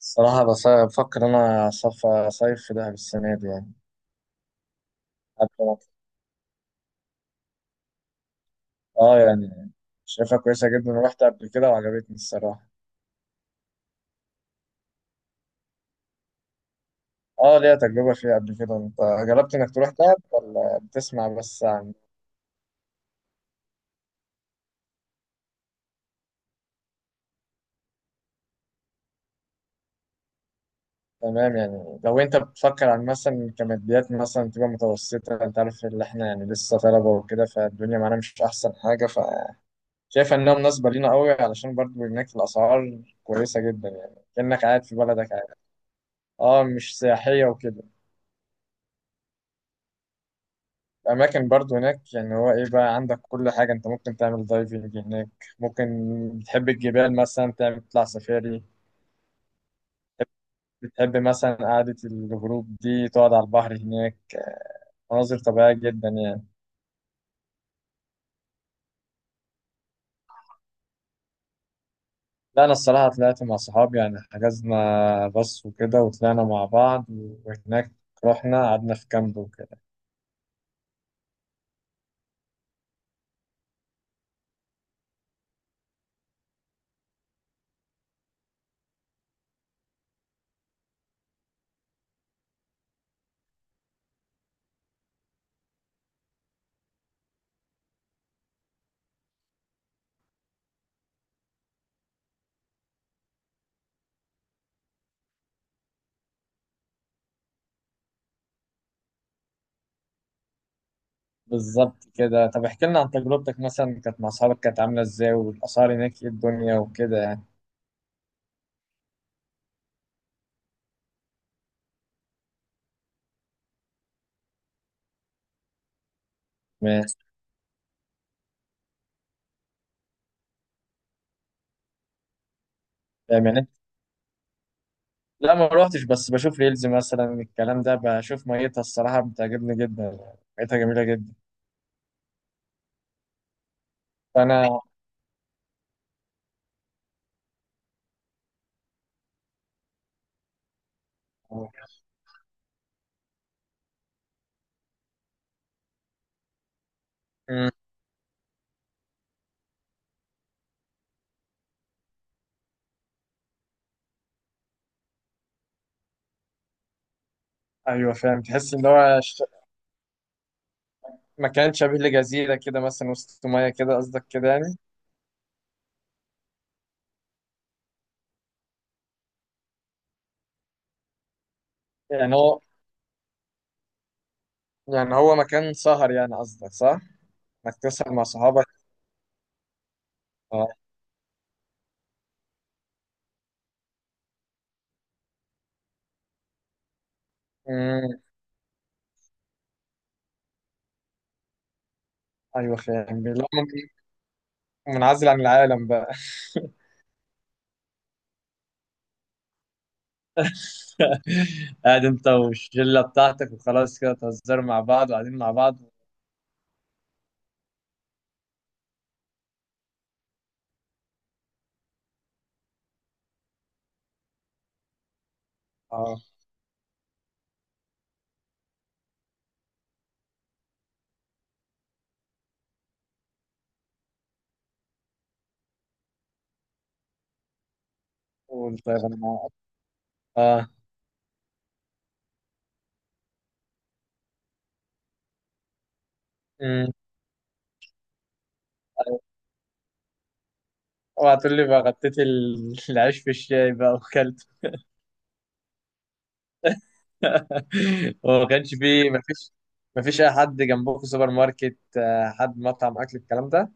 الصراحة بفكر أنا أصيف في دهب السنة دي يعني. حتى آه يعني شايفها كويسة جدا ورحت قبل كده وعجبتني الصراحة. آه ليا تجربة فيها قبل كده. أنت جربت إنك تروح دهب ولا بتسمع بس عن. تمام، يعني لو أنت بتفكر عن مثلا كماديات، مثلا تبقى متوسطة، أنت عارف اللي إحنا يعني لسه طلبة وكده، فالدنيا معانا مش أحسن حاجة، فشايف إنها مناسبة لينا قوي، علشان برضو هناك الأسعار كويسة جدا، يعني كأنك قاعد في بلدك عادي. آه، مش سياحية وكده. الأماكن برضو هناك يعني هو إيه بقى، عندك كل حاجة، أنت ممكن تعمل دايفنج هناك، ممكن بتحب الجبال مثلا تعمل تطلع سفاري، بتحب مثلا قعدة الغروب دي تقعد على البحر هناك، مناظر طبيعية جدا يعني. لا أنا الصراحة طلعت مع صحابي، يعني حجزنا باص وكده وطلعنا مع بعض، وهناك رحنا قعدنا في كامب وكده. بالظبط كده. طب احكي لنا عن تجربتك، مثلا كانت مع صحابك كانت عاملة إزاي، والأسعار هناك إيه الدنيا وكده يعني. ما- يعني لا ما روحتش، بس بشوف ريلز مثلا، الكلام ده بشوف ميتها الصراحة بتعجبني جدا، ميتها جميلة جدا فأنا. مم. أيوة فاهم، تحس إن هو مكان شبيه لجزيرة كده مثلا وسط مية كده، قصدك كده يعني. يعني هو يعني هو مكان سهر، يعني قصدك صح؟ إنك تسهر مع صحابك. اه. مم. أيوة فاهم. لا من- منعزل عن العالم بقى. قاعد أنت والشلة بتاعتك وخلاص كده، تهزروا مع بعض وقاعدين مع بعض. اه، والطيران مع بعض. اه، اوعى تقول لي بقى غطيت العيش في الشاي بقى وكلت. وما كانش فيه، ما فيش، ما فيش اي حد جنبك في سوبر ماركت، آه، حد مطعم اكل الكلام ده.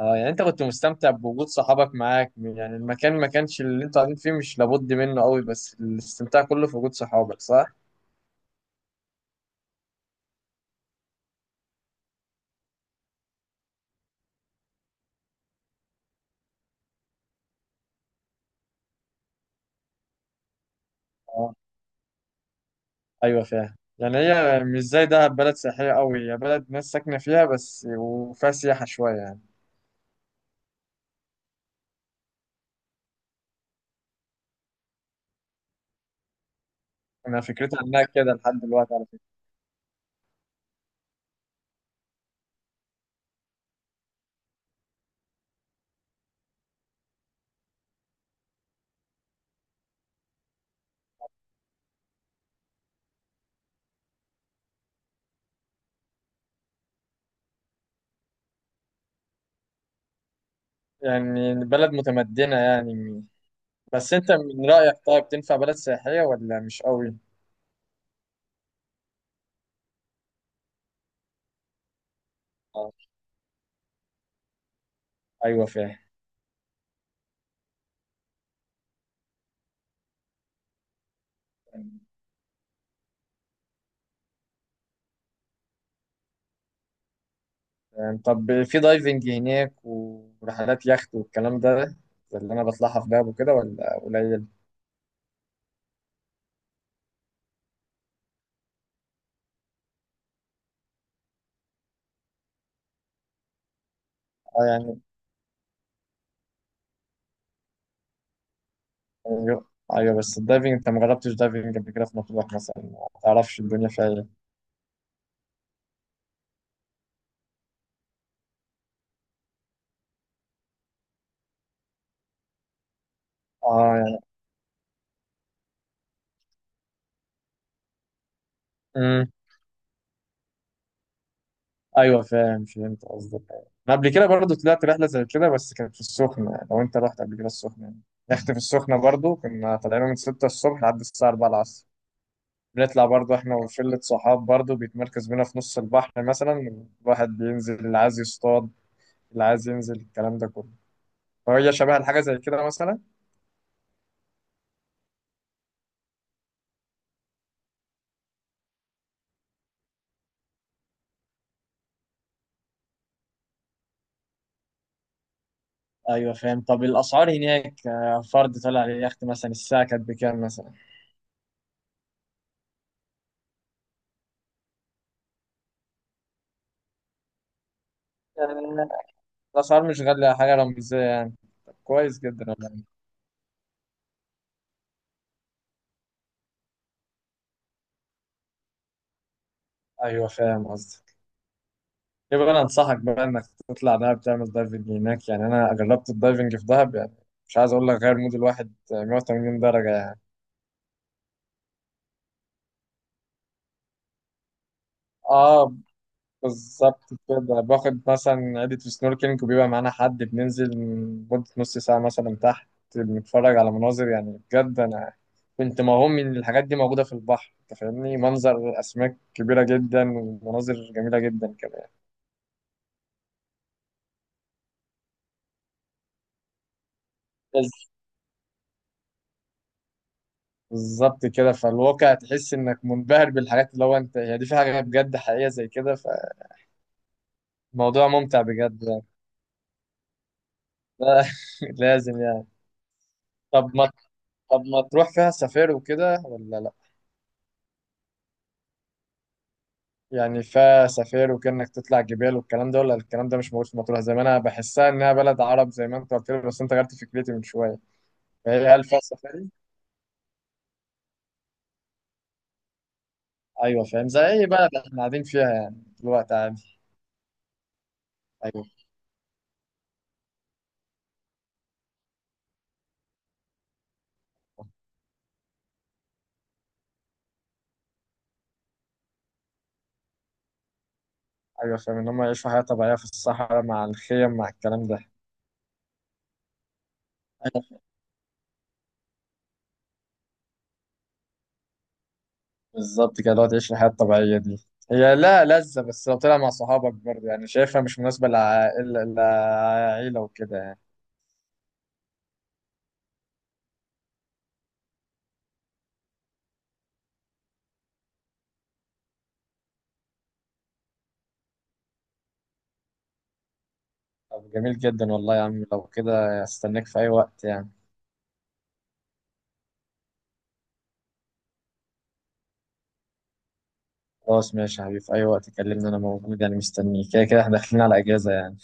اه، يعني انت كنت مستمتع بوجود صحابك معاك، يعني المكان ما كانش اللي انتوا قاعدين فيه مش لابد منه قوي، بس الاستمتاع كله في وجود صحابك، صح؟ اه، ايوه فاهم. يعني هي مش زي دهب بلد سياحية قوي، هي بلد ناس ساكنة فيها بس، وفيها سياحة شوية يعني. انا فكرتي عنها كده لحد دلوقتي على فكرة. يعني بلد متمدنة يعني. بس انت من رأيك طيب تنفع بلد سياحية ولا مش قوي؟ آه. ايوه فاهم. يعني طب في دايفنج هناك ورحلات يخت والكلام ده، زي اللي انا بطلعها في دهب وكده، ولا قليل؟ اه يعني، ايوه ايوه، بس الدايفنج انت ما جربتش دايفنج قبل كده في مطروح مثلا، ما تعرفش الدنيا فيها ايه. اه يعني، امم، ايوه فاهم، فهمت قصدك. انا قبل كده برضه طلعت رحله زي كده، بس كانت في السخنه، يعني لو انت رحت قبل كده السخنه يعني. يخت في السخنه برضه، كنا طالعين من 6 الصبح لحد الساعه 4 العصر، بنطلع برضه احنا وشلة صحاب، برضه بيتمركز بينا في نص البحر مثلا، الواحد بينزل اللي عايز يصطاد، اللي عايز ينزل الكلام ده كله. فهي شبه الحاجة زي كده مثلا. ايوه فاهم. طب الاسعار هناك آه، فرد طلع على اليخت مثلا الساعه كانت بكام مثلا. يعني الأسعار مش غالية، حاجة رمزية يعني. طب كويس جدا والله. ايوه فاهم قصدك. يبقى أنا أنصحك بقى إنك تطلع دهب تعمل دايفنج هناك، يعني أنا جربت الدايفنج في دهب، يعني مش عايز أقول لك، غير مود الواحد 180 درجة يعني. اه بالظبط كده، باخد مثلا عدة في سنوركلينج، وبيبقى معانا حد بننزل مدة نص ساعة مثلا تحت، بنتفرج على مناظر، يعني بجد أنا كنت موهوم من الحاجات دي موجودة في البحر، أنت فاهمني، منظر أسماك كبيرة جدا، ومناظر جميلة جدا كمان. بس بالظبط كده، فالواقع تحس إنك منبهر بالحاجات اللي هو أنت هي دي، في حاجة بجد حقيقية زي كده، فالموضوع ممتع بجد يعني. لازم يعني. طب ما طب ما تروح فيها سفاري وكده ولا لأ؟ يعني فيها سفاري، وكأنك تطلع جبال والكلام ده، ولا الكلام ده مش موجود في مطروح، زي ما انا بحسها انها بلد عرب زي ما انت قلت لي، بس انت غيرت فكرتي من شويه. فهي هل فيها سفاري؟ ايوه فاهم، زي اي بلد احنا قاعدين فيها يعني دلوقتي عادي. ايوه، ايوه فاهم ان هم يعيشوا حياه طبيعيه في الصحراء مع الخيم مع الكلام ده. بالظبط كده، دلوقتي تعيش الحياه الطبيعيه دي. هي لا لذة، بس لو طلع مع صحابك برضه، يعني شايفها مش مناسبة لعائلة، لعائلة وكده يعني. طب جميل جدا والله يا عم، لو كده استناك في أي وقت يعني. خلاص ماشي يا حبيبي، في أي وقت كلمني أنا موجود، يعني مستنيك كده كده، إحنا داخلين على إجازة يعني.